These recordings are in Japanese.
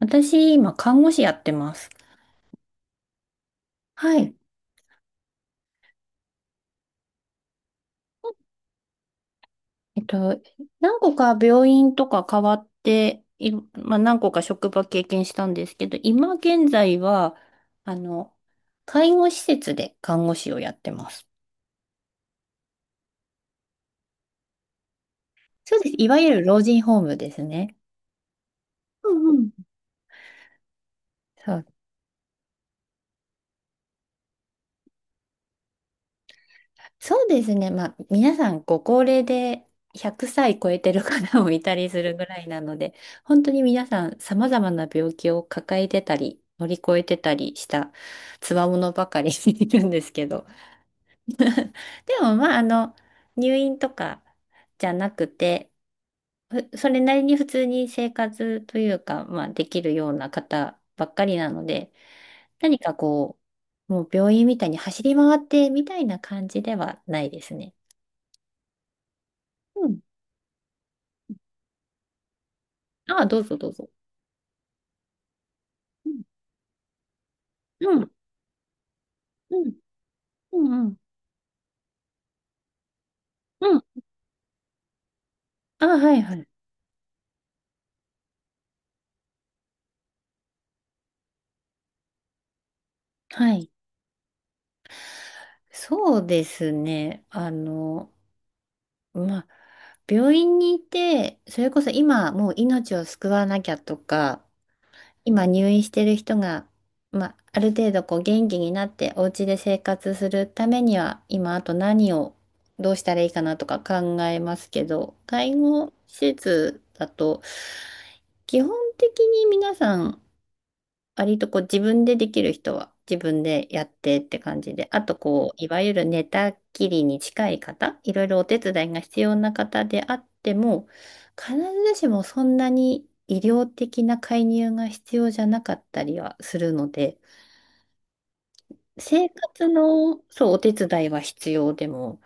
私、今、看護師やってます。はい。えっと、何個か病院とか変わって、まあ、何個か職場経験したんですけど、今現在は、あの、介護施設で看護師をやってます。そうです。いわゆる老人ホームですね。うんうん。そうそうですね。まあ、皆さんご高齢で100歳超えてる方もいたりするぐらいなので、本当に皆さん様々な病気を抱えてたり、乗り越えてたりした強者ばかり いるんですけど。でも、まあ、入院とかじゃなくて、それなりに普通に生活というか、まあ、できるような方ばっかりなので、何かこう、もう病院みたいに走り回ってみたいな感じではないですね。うん。ああ、どうぞどうぞ。うん、うん、うん、うん。うん。ああ、はいはい。はい。そうですね。まあ、病院にいて、それこそ今もう命を救わなきゃとか、今入院してる人が、まあ、ある程度こう元気になってお家で生活するためには、今あと何をどうしたらいいかなとか考えますけど、介護施設だと、基本的に皆さん割とこう自分でできる人は自分でやってって感じで、あとこう、いわゆる寝たきりに近い方、いろいろお手伝いが必要な方であっても、必ずしもそんなに医療的な介入が必要じゃなかったりはするので、生活の、そう、お手伝いは必要でも、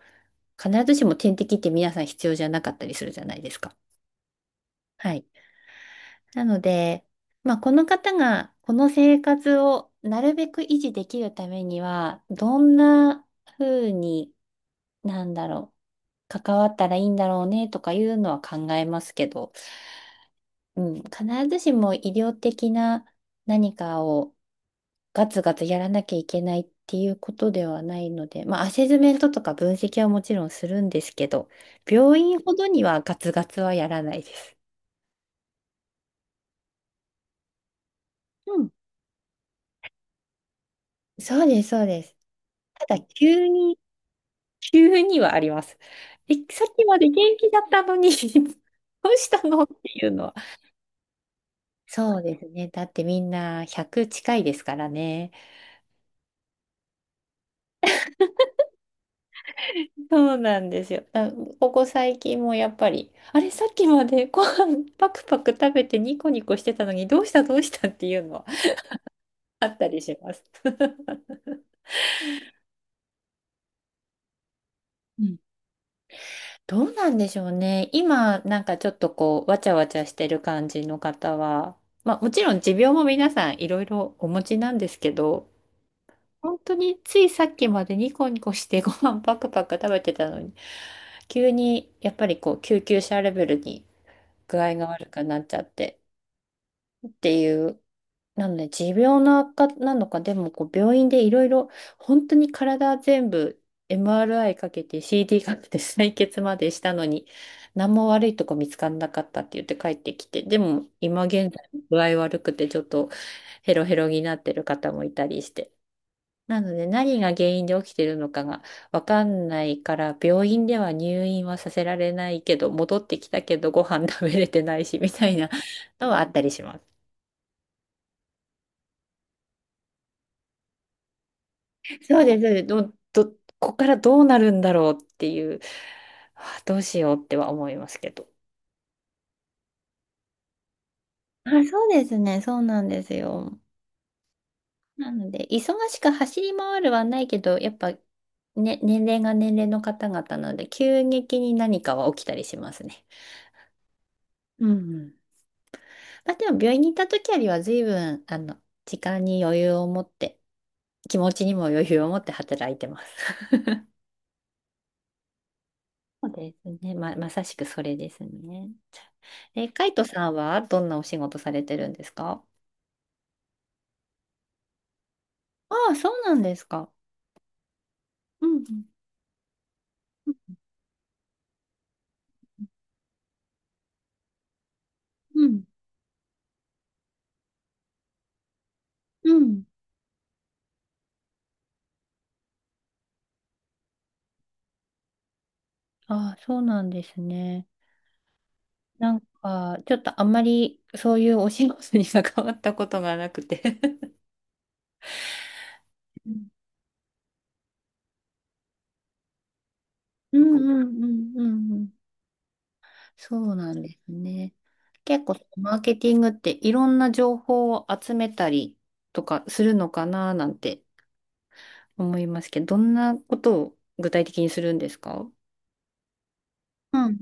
必ずしも点滴って皆さん必要じゃなかったりするじゃないですか。はい。なので、まあ、この方がこの生活をなるべく維持できるためには、どんな風に、なんだろ関わったらいいんだろうねとかいうのは考えますけど、うん、必ずしも医療的な何かをガツガツやらなきゃいけないっていうことではないので、まあ、アセスメントとか分析はもちろんするんですけど、病院ほどにはガツガツはやらないです。うん、そうです。ただ、急にはあります。え、さっきまで元気だったのに どうしたのっていうのは。そうですね。だってみんな100近いですからね。そうなんですよ。あここ最近もやっぱり、あれ、さっきまでご飯パクパク食べてニコニコしてたのに、どうしたどうしたっていうのはあったりします。どうなんでしょうね。今、なんかちょっとこう、わちゃわちゃしてる感じの方は、まあもちろん持病も皆さんいろいろお持ちなんですけど、本当についさっきまでニコニコしてご飯パクパク食べてたのに、急にやっぱりこう、救急車レベルに具合が悪くなっちゃってっていうなので、持病の悪化なのか、でもこう病院でいろいろ、本当に体全部 MRI かけて CD かけて採血までしたのに、何も悪いとこ見つからなかったって言って帰ってきて、でも今現在具合悪くてちょっとヘロヘロになってる方もいたりして。なので、何が原因で起きてるのかがわかんないから、病院では入院はさせられないけど、戻ってきたけどご飯食べれてないし、みたいなのはあったりします。そうです。ここからどうなるんだろうっていう、あどうしようっては思いますけど。あ、そうですね。そうなんですよ。なので、忙しく走り回るはないけど、やっぱ、ね、年齢が年齢の方々なので、急激に何かは起きたりしますね。うんうん。まあ、でも、病院に行った時よりは、随分、時間に余裕を持って、気持ちにも余裕を持って働いてます。そうですね。まさしくそれですね。え、カイトさんはどんなお仕事されてるんですか？ああ、そうなんですか。うんうん。うん。うんああ、そうなんですね。なんか、ちょっとあんまりそういうお仕事に関わったことがなくて。うんうんうんうんうん。そうなんですね。結構、マーケティングっていろんな情報を集めたりとかするのかななんて思いますけど、どんなことを具体的にするんですか？うん。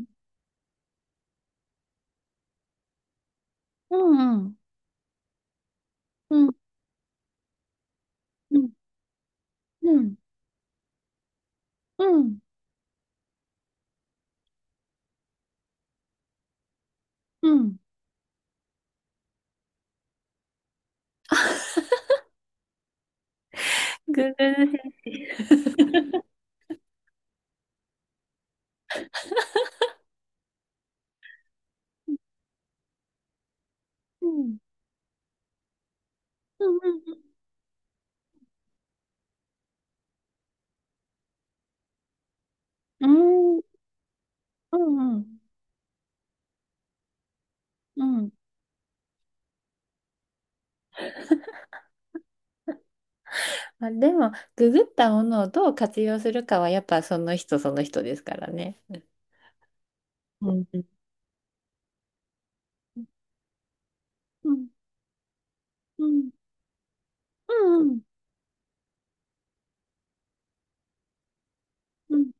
うんうん。うんうんうんうんググるし、うんうんうんうんうんうんうんうんあでもググったものをどう活用するかはやっぱその人その人ですからね。うんうんうんうんうんうん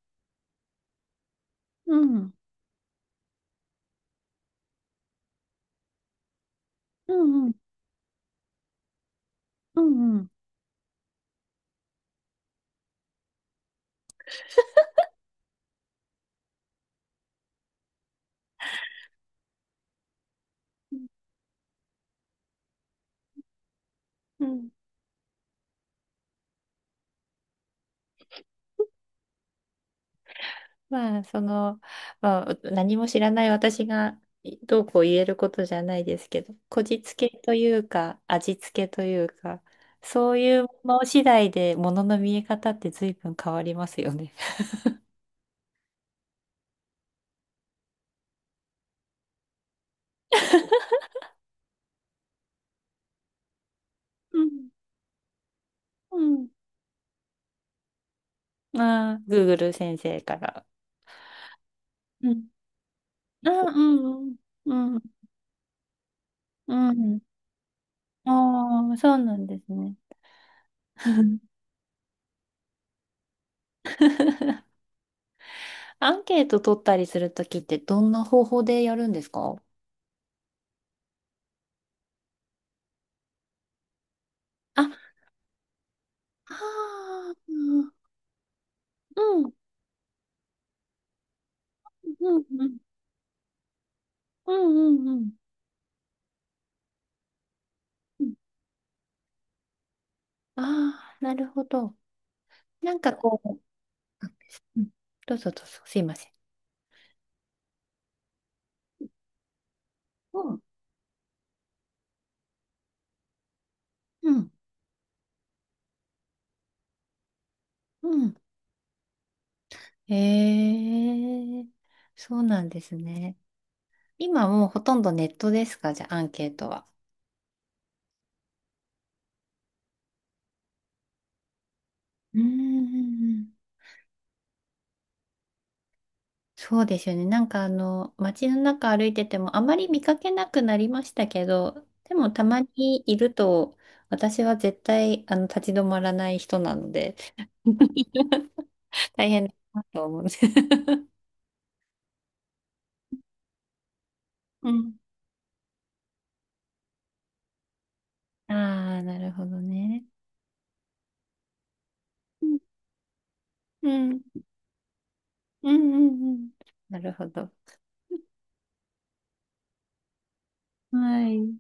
うんうんうんうんうんうんまあ、まあ、何も知らない私がどうこう言えることじゃないですけど、こじつけというか、味付けというか、そういうもの次第でものの見え方って随分変わりますよね。うん、うん、ああ、Google 先生から。うん、ああ、うん、うん、うん、うん。ああ、そうなんですね。アンケート取ったりするときってどんな方法でやるんですか？あ、ああ、うん、うん、うん、うん、うん。うんああなるほど。なんかこう、うんどうぞどうぞ、すいません。うん、うん、うん。へえ、そうなんですね。今もうほとんどネットですか、じゃあ、アンケートは。うーん、そうですよね。街の中歩いててもあまり見かけなくなりましたけど、でもたまにいると、私は絶対あの立ち止まらない人なので。大変だなと思う。うん。ああ、なるほどね。うん。うん。うん。うん。うんなるほど。はい。